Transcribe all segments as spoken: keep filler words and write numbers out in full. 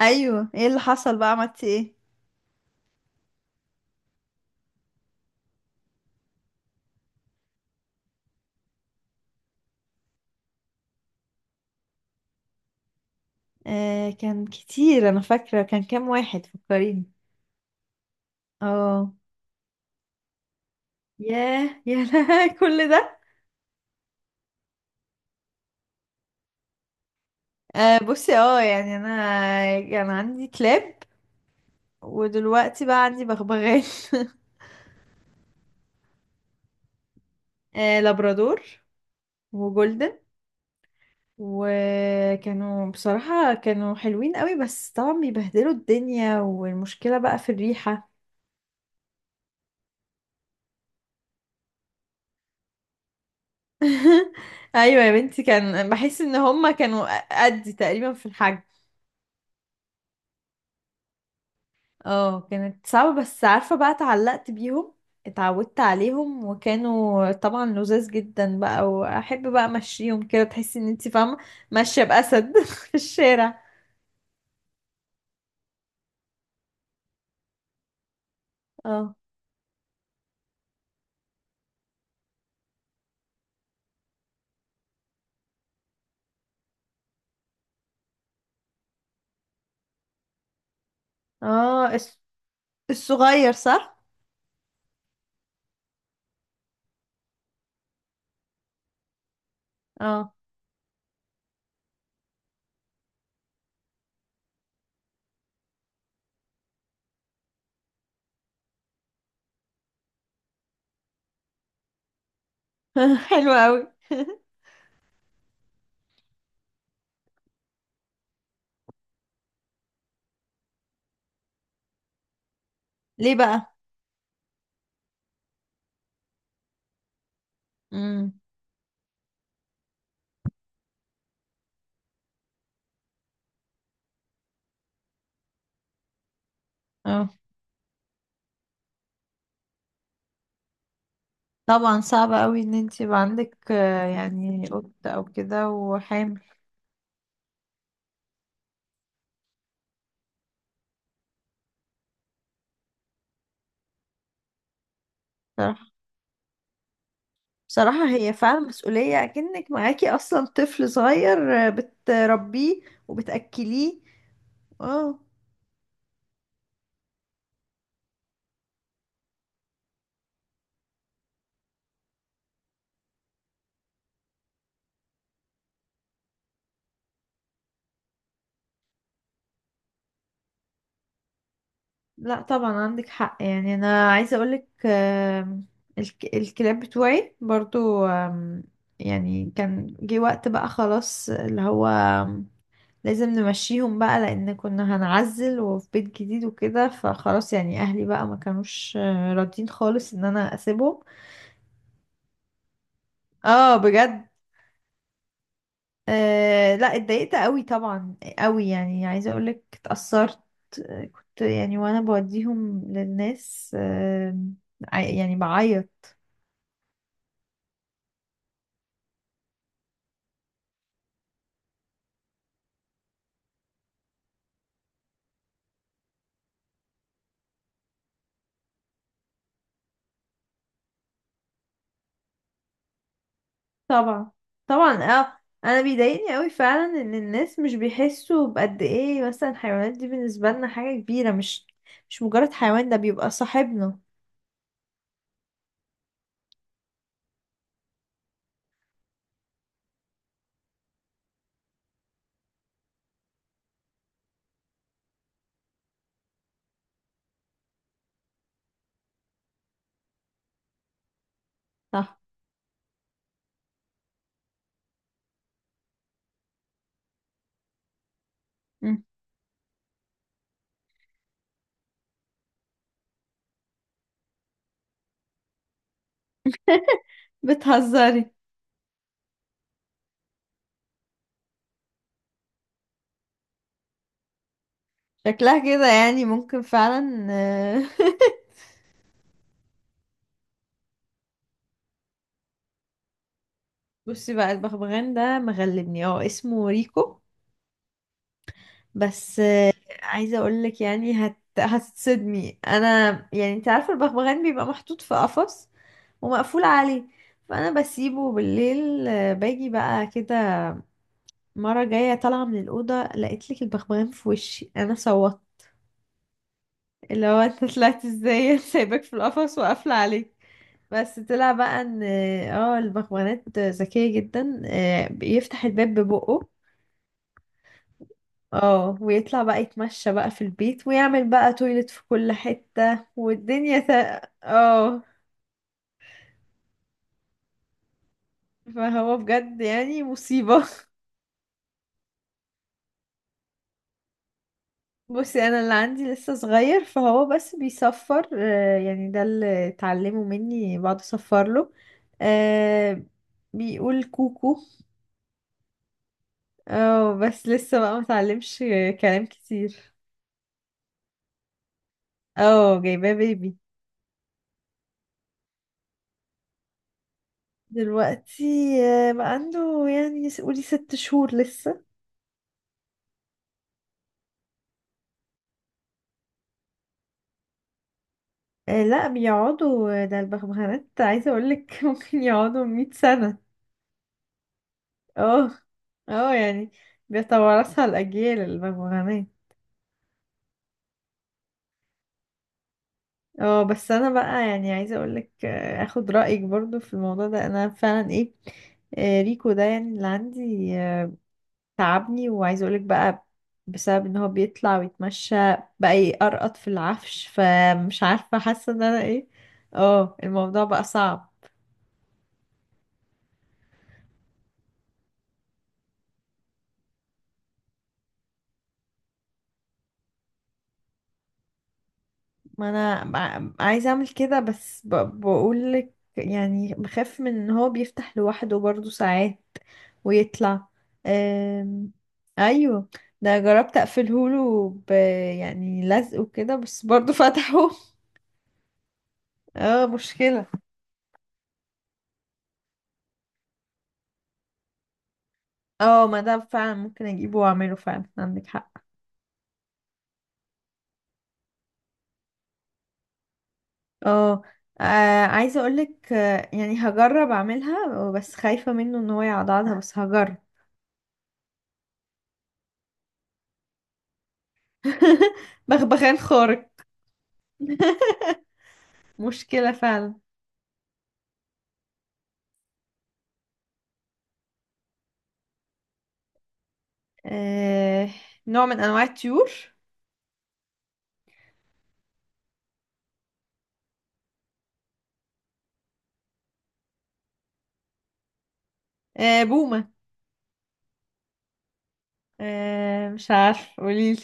ايوه، ايه اللي حصل بقى؟ عملتي ايه؟ آه، كان كتير، انا فاكره كان كام واحد، فكريني. اه. ياه، يا لها كل ده! آه، بصي، اه يعني انا كان عندي كلاب. ودلوقتي بقى عندي بغبغان. آه، لابرادور وجولدن. وكانوا بصراحة كانوا حلوين قوي، بس طبعا بيبهدلوا الدنيا، والمشكلة بقى في الريحة. ايوه يا بنتي، كان بحس ان هما كانوا قدي تقريبا في الحجم. اه، كانت صعبة، بس عارفة بقى اتعلقت بيهم. اتعودت عليهم، وكانوا طبعا لذاذ جدا بقى، واحب بقى امشيهم كده، تحسي ان انتي فاهمة ماشية بأسد في الشارع. اه، اه، الص- الصغير صح. اه. حلو قوي. ليه بقى؟ امم. اه، طبعا صعب قوي ان انتي يبقى عندك آه، يعني قط او كده وحامل. صراحة، بصراحة هي فعلا مسؤولية، أكنك معاكي أصلا طفل صغير آه، بتربيه وبتأكليه. اه، لا طبعا عندك حق، يعني أنا عايزة أقولك، آم، الك- الكلاب بتوعي برضو، آم، يعني كان جه وقت بقى خلاص اللي هو، آم، لازم نمشيهم بقى، لأن كنا هنعزل وفي بيت جديد وكده، فخلاص يعني أهلي بقى ما كانوش آه، راضيين خالص إن أنا أسيبهم. اه بجد. أه، لا اتضايقت قوي طبعا قوي، يعني عايزه اقولك اتأثرت. آه، كنت يعني وانا بوديهم للناس. أه. عي- يعني بعيط. طبعا، طبعا، اه. انا بيضايقني قوي فعلا ان الناس مش بيحسوا بقد ايه، مثلا الحيوانات دي بالنسبه لنا حاجه كبيره، مش مش مجرد حيوان، ده بيبقى صاحبنا. صح. مم. بتهزري؟ شكلها كده يعني ممكن فعلا آه، بصي بقى، البغبغان ده مغلبني، اه اسمه ريكو. بس عايزة اقولك يعني هت... هتتصدمي انا. يعني انت عارفة البغبغان بيبقى محطوط في قفص ومقفول عليه، فانا بسيبه بالليل آه، باجي بقى كده. مرة جاية طالعة من الأوضة، لقيت لك البغبغان في وشي، انا صوت اللي هو انت طلعت ازاي سايبك في القفص وقافلة عليك. بس طلع بقى ان اه البغبغانات ذكية جدا، آه، بيفتح الباب ببقه. اه، ويطلع بقى يتمشى بقى في البيت ويعمل بقى تويلت في كل حتة، والدنيا ت... اه. فهو بجد يعني مصيبة. بصي، انا اللي عندي لسه صغير، فهو بس بيصفر، آه، يعني ده اللي اتعلمه مني، بقعد اصفر له. آه، بيقول كوكو. اه، بس لسه بقى متعلمش كلام كتير. اه، جايباه بيبي. دلوقتي آه، بقى عنده يعني قولي ست شهور لسه. آه، لا، بيقعدوا، ده البغبغانات عايزة اقولك ممكن يقعدوا مئة سنة. اه، اه، يعني بيتوارثها الأجيال البغبغانات. اه، بس انا بقى يعني عايزة اقولك آه، اخد رأيك برضو في الموضوع ده، انا فعلا ايه، آه، ريكو ده يعني اللي عندي آه، تعبني، وعايزة اقولك بقى بسبب ان هو بيطلع ويتمشى بقى يقرقط في العفش، فمش عارفة، حاسة ان انا ايه. اه، الموضوع بقى صعب. ما انا ب- عايزه اعمل كده، بس بقول لك يعني بخاف من ان هو بيفتح لوحده برضو ساعات ويطلع. أم... ايوه، ده جربت اقفله له ب... يعني لزق وكده، بس برضو فتحه. اه، مشكلة. اه، ما ده فعلا ممكن اجيبه واعمله فعلا، عندك حق. اه، آه، عايزه اقولك آه، يعني هجرب اعملها، بس خايفه منه ان هو يعضعضها، بس هجرب. بغبغان خارق. مشكلة فعلا. آه... نوع من أنواع الطيور. آه... بومة. آه... مش عارف، قوليلي.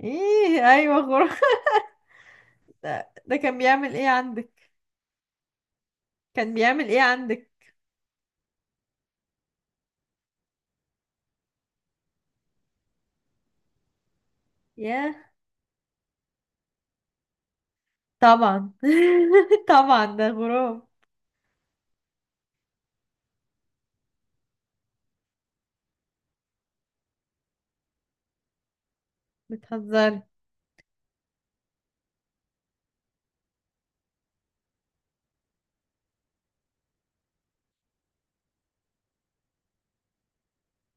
ايه، ايوه غراب. ده, ده كان بيعمل ايه عندك؟ كان بيعمل ايه عندك؟ ياه. طبعا. طبعا ده غراب. بتهزري؟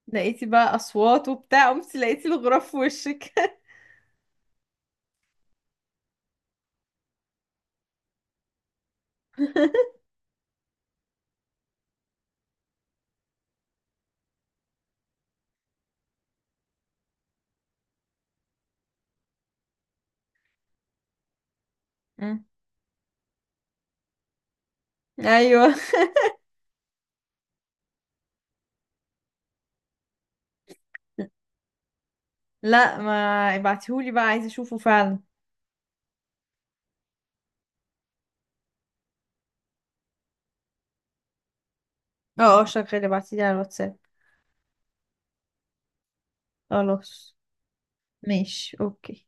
لقيتي بقى اصوات وبتاع، قمت لقيتي الغراب في وشك. مم. ايوه. لا، ما ابعتيهولي بقى، عايزه اشوفه فعلا. اه، اه شغال، ابعتيلي على الواتساب. خلاص، ماشي، اوكي.